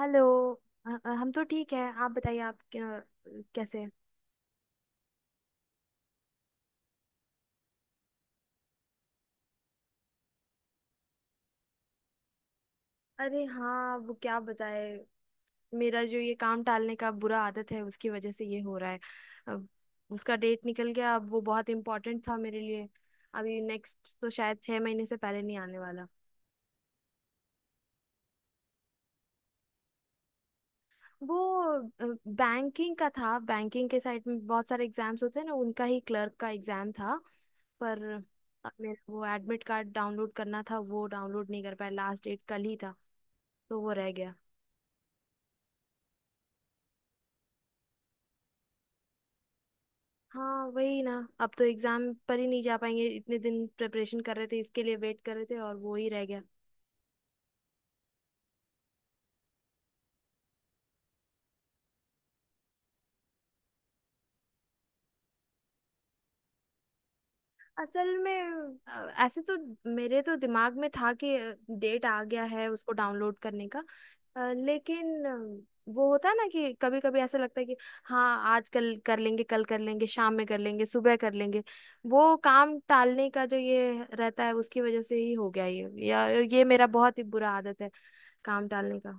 Hello. हम तो ठीक है। आप बताइए आप क्या, कैसे हैं? अरे हाँ वो क्या बताए। मेरा जो ये काम टालने का बुरा आदत है उसकी वजह से ये हो रहा है। अब उसका डेट निकल गया, अब वो बहुत इम्पोर्टेंट था मेरे लिए। अभी नेक्स्ट तो शायद 6 महीने से पहले नहीं आने वाला। वो बैंकिंग का था। बैंकिंग के साइड में बहुत सारे एग्जाम्स होते हैं ना, उनका ही क्लर्क का एग्जाम था। पर मेरा वो एडमिट कार्ड डाउनलोड करना था, वो डाउनलोड नहीं कर पाया। लास्ट डेट कल ही था तो वो रह गया। हाँ वही ना। अब तो एग्जाम पर ही नहीं जा पाएंगे। इतने दिन प्रिपरेशन कर रहे थे, इसके लिए वेट कर रहे थे, और वो ही रह गया। असल में ऐसे तो मेरे तो दिमाग में था कि डेट आ गया है उसको डाउनलोड करने का। लेकिन वो होता है ना कि कभी कभी ऐसा लगता है कि हाँ, आज कल कर लेंगे, कल कर लेंगे, शाम में कर लेंगे, सुबह कर लेंगे। वो काम टालने का जो ये रहता है उसकी वजह से ही हो गया ये। या ये मेरा बहुत ही बुरा आदत है काम डालने का,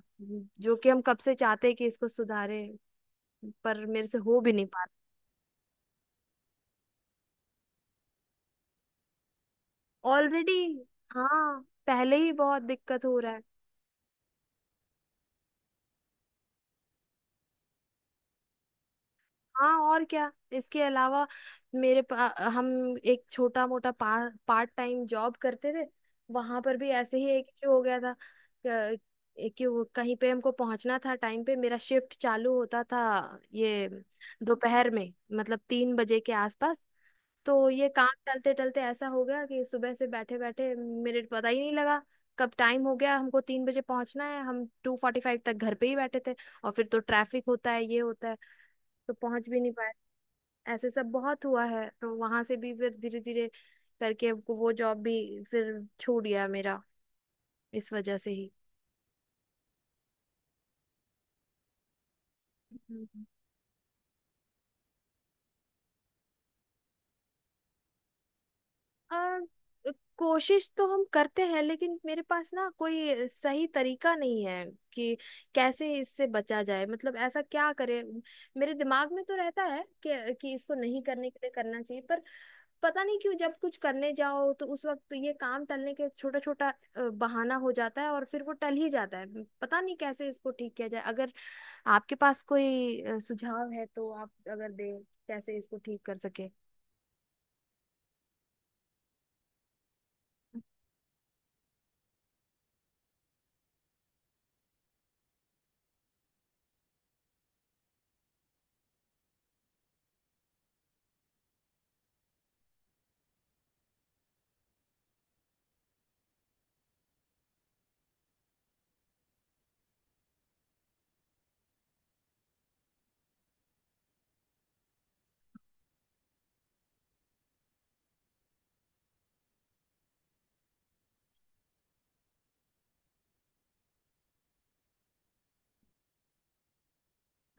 जो कि हम कब से चाहते हैं कि इसको सुधारे, पर मेरे से हो भी नहीं पा रहा ऑलरेडी। हाँ, पहले ही बहुत दिक्कत हो रहा है। हाँ और क्या। इसके अलावा मेरे पा, हम एक छोटा मोटा पार्ट टाइम जॉब करते थे। वहां पर भी ऐसे ही एक इशू हो गया था। क- कि वो कहीं पे हमको पहुंचना था। टाइम पे मेरा शिफ्ट चालू होता था ये दोपहर में, मतलब 3 बजे के आसपास। तो ये काम टलते टलते ऐसा हो गया कि सुबह से बैठे बैठे मिनट पता ही नहीं लगा कब टाइम हो गया। हमको 3 बजे पहुंचना है, हम 2:45 तक घर पे ही बैठे थे। और फिर तो ट्रैफिक होता है, ये होता है, तो पहुंच भी नहीं पाए। ऐसे सब बहुत हुआ है। तो वहां से भी फिर धीरे धीरे करके वो जॉब भी फिर छूट गया मेरा, इस वजह से ही। हम्म। आ, कोशिश तो हम करते हैं लेकिन मेरे पास ना कोई सही तरीका नहीं है कि कैसे इससे बचा जाए, मतलब ऐसा क्या करे। मेरे दिमाग में तो रहता है कि इसको नहीं करने के लिए करना चाहिए, पर पता नहीं क्यों जब कुछ करने जाओ तो उस वक्त ये काम टलने के छोटा छोटा बहाना हो जाता है और फिर वो टल ही जाता है। पता नहीं कैसे इसको ठीक किया जाए। अगर आपके पास कोई सुझाव है तो आप अगर दें कैसे इसको ठीक कर सके।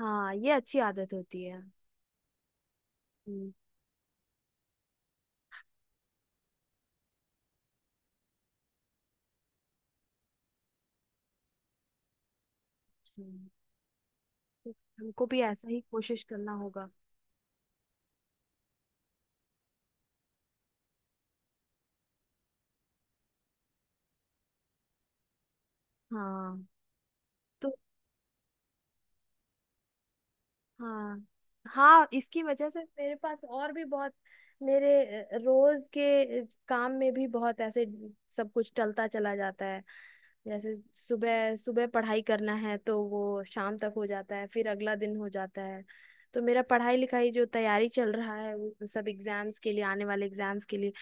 हाँ ये अच्छी आदत होती है। अच्छा, तो हमको भी ऐसा ही कोशिश करना होगा। हाँ। तो हाँ, हाँ, इसकी वजह से मेरे पास और भी बहुत। मेरे रोज के काम में भी बहुत ऐसे सब कुछ चलता चला जाता है। जैसे सुबह सुबह पढ़ाई करना है तो वो शाम तक हो जाता है, फिर अगला दिन हो जाता है। तो मेरा पढ़ाई लिखाई जो तैयारी चल रहा है वो सब एग्जाम्स के लिए, आने वाले एग्जाम्स के लिए,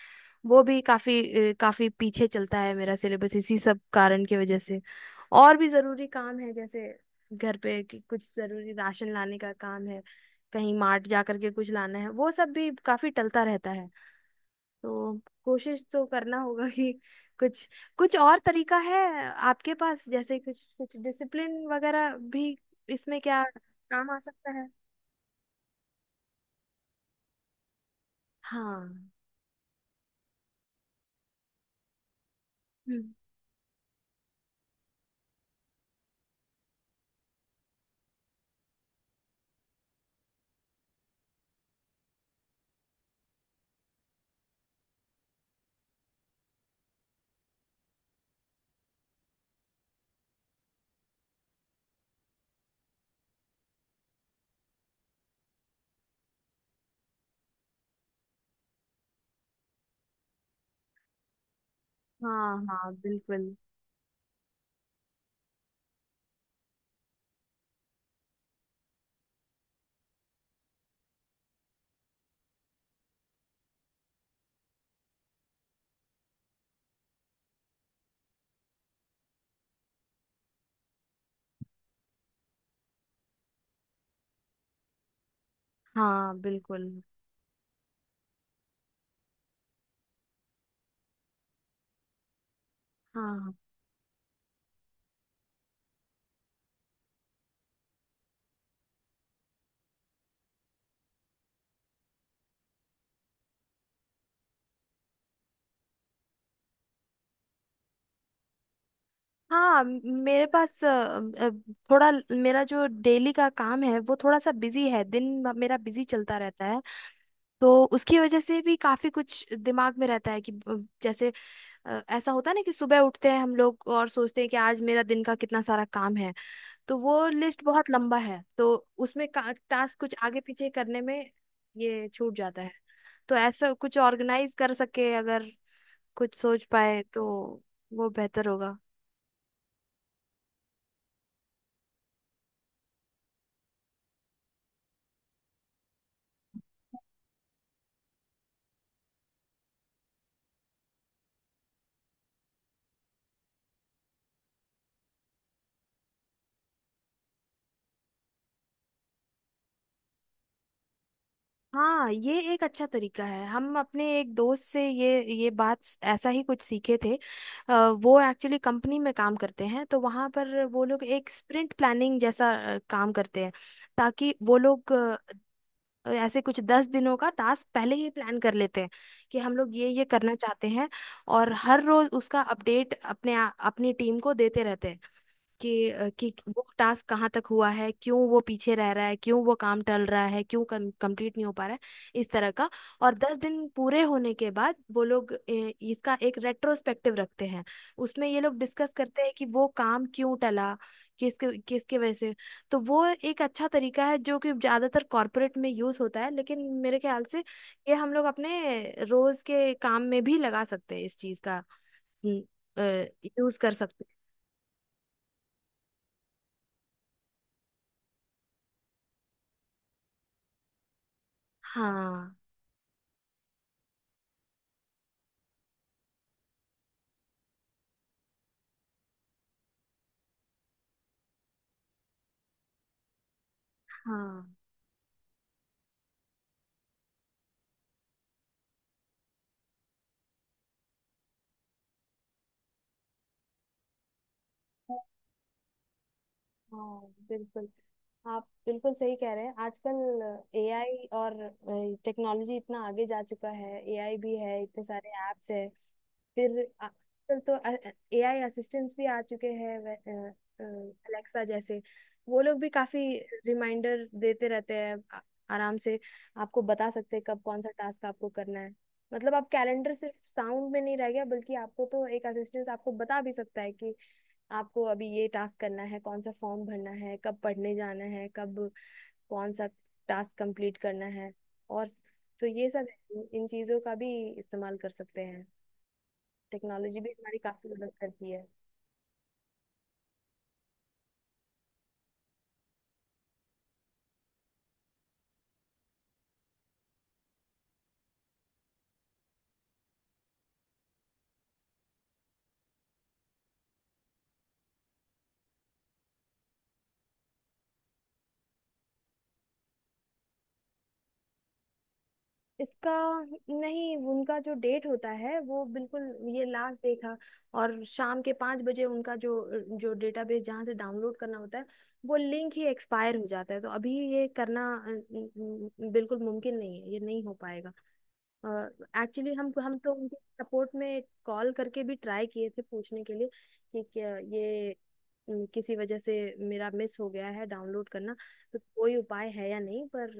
वो भी काफी काफी पीछे चलता है। मेरा सिलेबस इसी सब कारण की वजह से। और भी जरूरी काम है जैसे घर पे कि कुछ जरूरी राशन लाने का काम है, कहीं मार्ट जा करके कुछ लाना है, वो सब भी काफी टलता रहता है। तो कोशिश तो करना होगा कि कुछ कुछ और तरीका है आपके पास, जैसे कुछ कुछ डिसिप्लिन वगैरह भी इसमें क्या काम आ सकता है। हाँ, हम्म। हाँ, हाँ, बिल्कुल। हाँ, बिल्कुल। हाँ, हाँ, मेरे पास मेरा जो डेली का काम है वो थोड़ा सा बिजी है। दिन मेरा बिजी चलता रहता है। तो उसकी वजह से भी काफी कुछ दिमाग में रहता है कि जैसे ऐसा होता है ना कि सुबह उठते हैं हम लोग और सोचते हैं कि आज मेरा दिन का कितना सारा काम है। तो वो लिस्ट बहुत लंबा है तो उसमें टास्क कुछ आगे पीछे करने में ये छूट जाता है। तो ऐसा कुछ ऑर्गेनाइज कर सके, अगर कुछ सोच पाए तो वो बेहतर होगा। हाँ ये एक अच्छा तरीका है। हम अपने एक दोस्त से ये बात ऐसा ही कुछ सीखे थे। अ, वो एक्चुअली कंपनी में काम करते हैं तो वहाँ पर वो लोग एक स्प्रिंट प्लानिंग जैसा काम करते हैं। ताकि वो लोग ऐसे कुछ 10 दिनों का टास्क पहले ही प्लान कर लेते हैं कि हम लोग ये करना चाहते हैं। और हर रोज उसका अपडेट अपने अपनी टीम को देते रहते हैं कि वो टास्क कहाँ तक हुआ है, क्यों वो पीछे रह रहा है, क्यों वो काम टल रहा है, क्यों कंप्लीट नहीं हो पा रहा है, इस तरह का। और 10 दिन पूरे होने के बाद वो लोग इसका एक रेट्रोस्पेक्टिव रखते हैं। उसमें ये लोग डिस्कस करते हैं कि वो काम क्यों टला, किसके किसके वजह से। तो वो एक अच्छा तरीका है जो कि ज्यादातर कॉरपोरेट में यूज होता है, लेकिन मेरे ख्याल से ये हम लोग अपने रोज के काम में भी लगा सकते हैं। इस चीज का यूज कर सकते हैं। हाँ। हाँ, हाँ, बिल्कुल। आप बिल्कुल सही कह रहे हैं। आजकल एआई और टेक्नोलॉजी इतना आगे जा चुका है, एआई भी है, इतने सारे ऐप्स है। फिर आजकल तो एआई असिस्टेंट्स भी आ चुके हैं, अलेक्सा जैसे। वो लोग भी काफी रिमाइंडर देते रहते हैं। आराम से आपको बता सकते हैं कब कौन सा टास्क आपको करना है। मतलब आप कैलेंडर सिर्फ साउंड में नहीं रह गया, बल्कि आपको तो एक असिस्टेंट आपको बता भी सकता है कि आपको अभी ये टास्क करना है, कौन सा फॉर्म भरना है, कब पढ़ने जाना है, कब कौन सा टास्क कंप्लीट करना है। और तो ये सब है, इन चीज़ों का भी इस्तेमाल कर सकते हैं। टेक्नोलॉजी भी हमारी काफ़ी मदद करती है। इसका नहीं, उनका जो डेट होता है वो बिल्कुल, ये लास्ट देखा। और शाम के 5 बजे उनका जो जो डेटाबेस जहाँ से डाउनलोड करना होता है वो लिंक ही एक्सपायर हो जाता है। तो अभी ये करना बिल्कुल मुमकिन नहीं है, ये नहीं हो पाएगा। एक्चुअली हम तो उनके सपोर्ट में कॉल करके भी ट्राई किए थे पूछने के लिए कि क्या ये किसी वजह से मेरा मिस हो गया है डाउनलोड करना, तो कोई उपाय है या नहीं, पर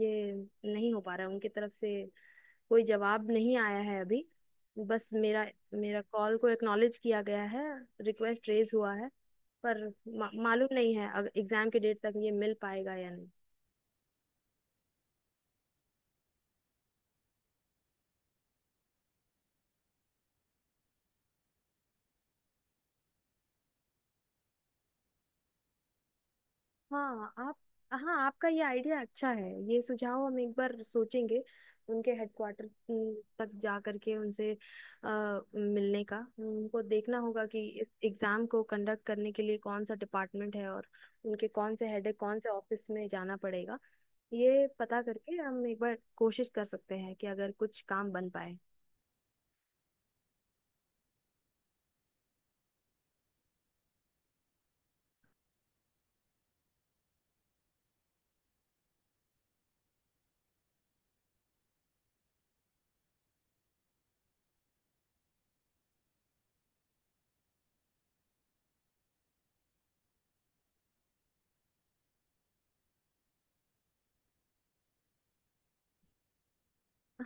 ये नहीं हो पा रहा है। उनकी तरफ से कोई जवाब नहीं आया है अभी। बस मेरा मेरा कॉल को एक्नॉलेज किया गया है, रिक्वेस्ट रेज हुआ है, पर मालूम नहीं है अगर एग्जाम के डेट तक ये मिल पाएगा या नहीं। हाँ आप हाँ, आपका ये आइडिया अच्छा है, ये सुझाव हम एक बार सोचेंगे। उनके हेडक्वार्टर तक जा करके उनसे अ, मिलने का, उनको देखना होगा कि इस एग्जाम को कंडक्ट करने के लिए कौन सा डिपार्टमेंट है और उनके कौन से हेड है, कौन से ऑफिस में जाना पड़ेगा। ये पता करके हम एक बार कोशिश कर सकते हैं कि अगर कुछ काम बन पाए।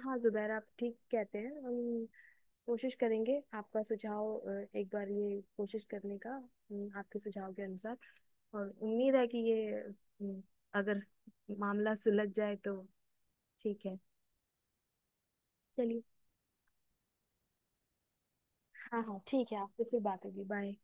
हाँ जुबैर, आप ठीक कहते हैं। हम कोशिश करेंगे आपका सुझाव, एक बार ये कोशिश करने का आपके सुझाव के अनुसार। और उम्मीद है कि ये अगर मामला सुलझ जाए तो ठीक है। चलिए। हाँ, हाँ, ठीक है, आपसे फिर बात होगी। बाय।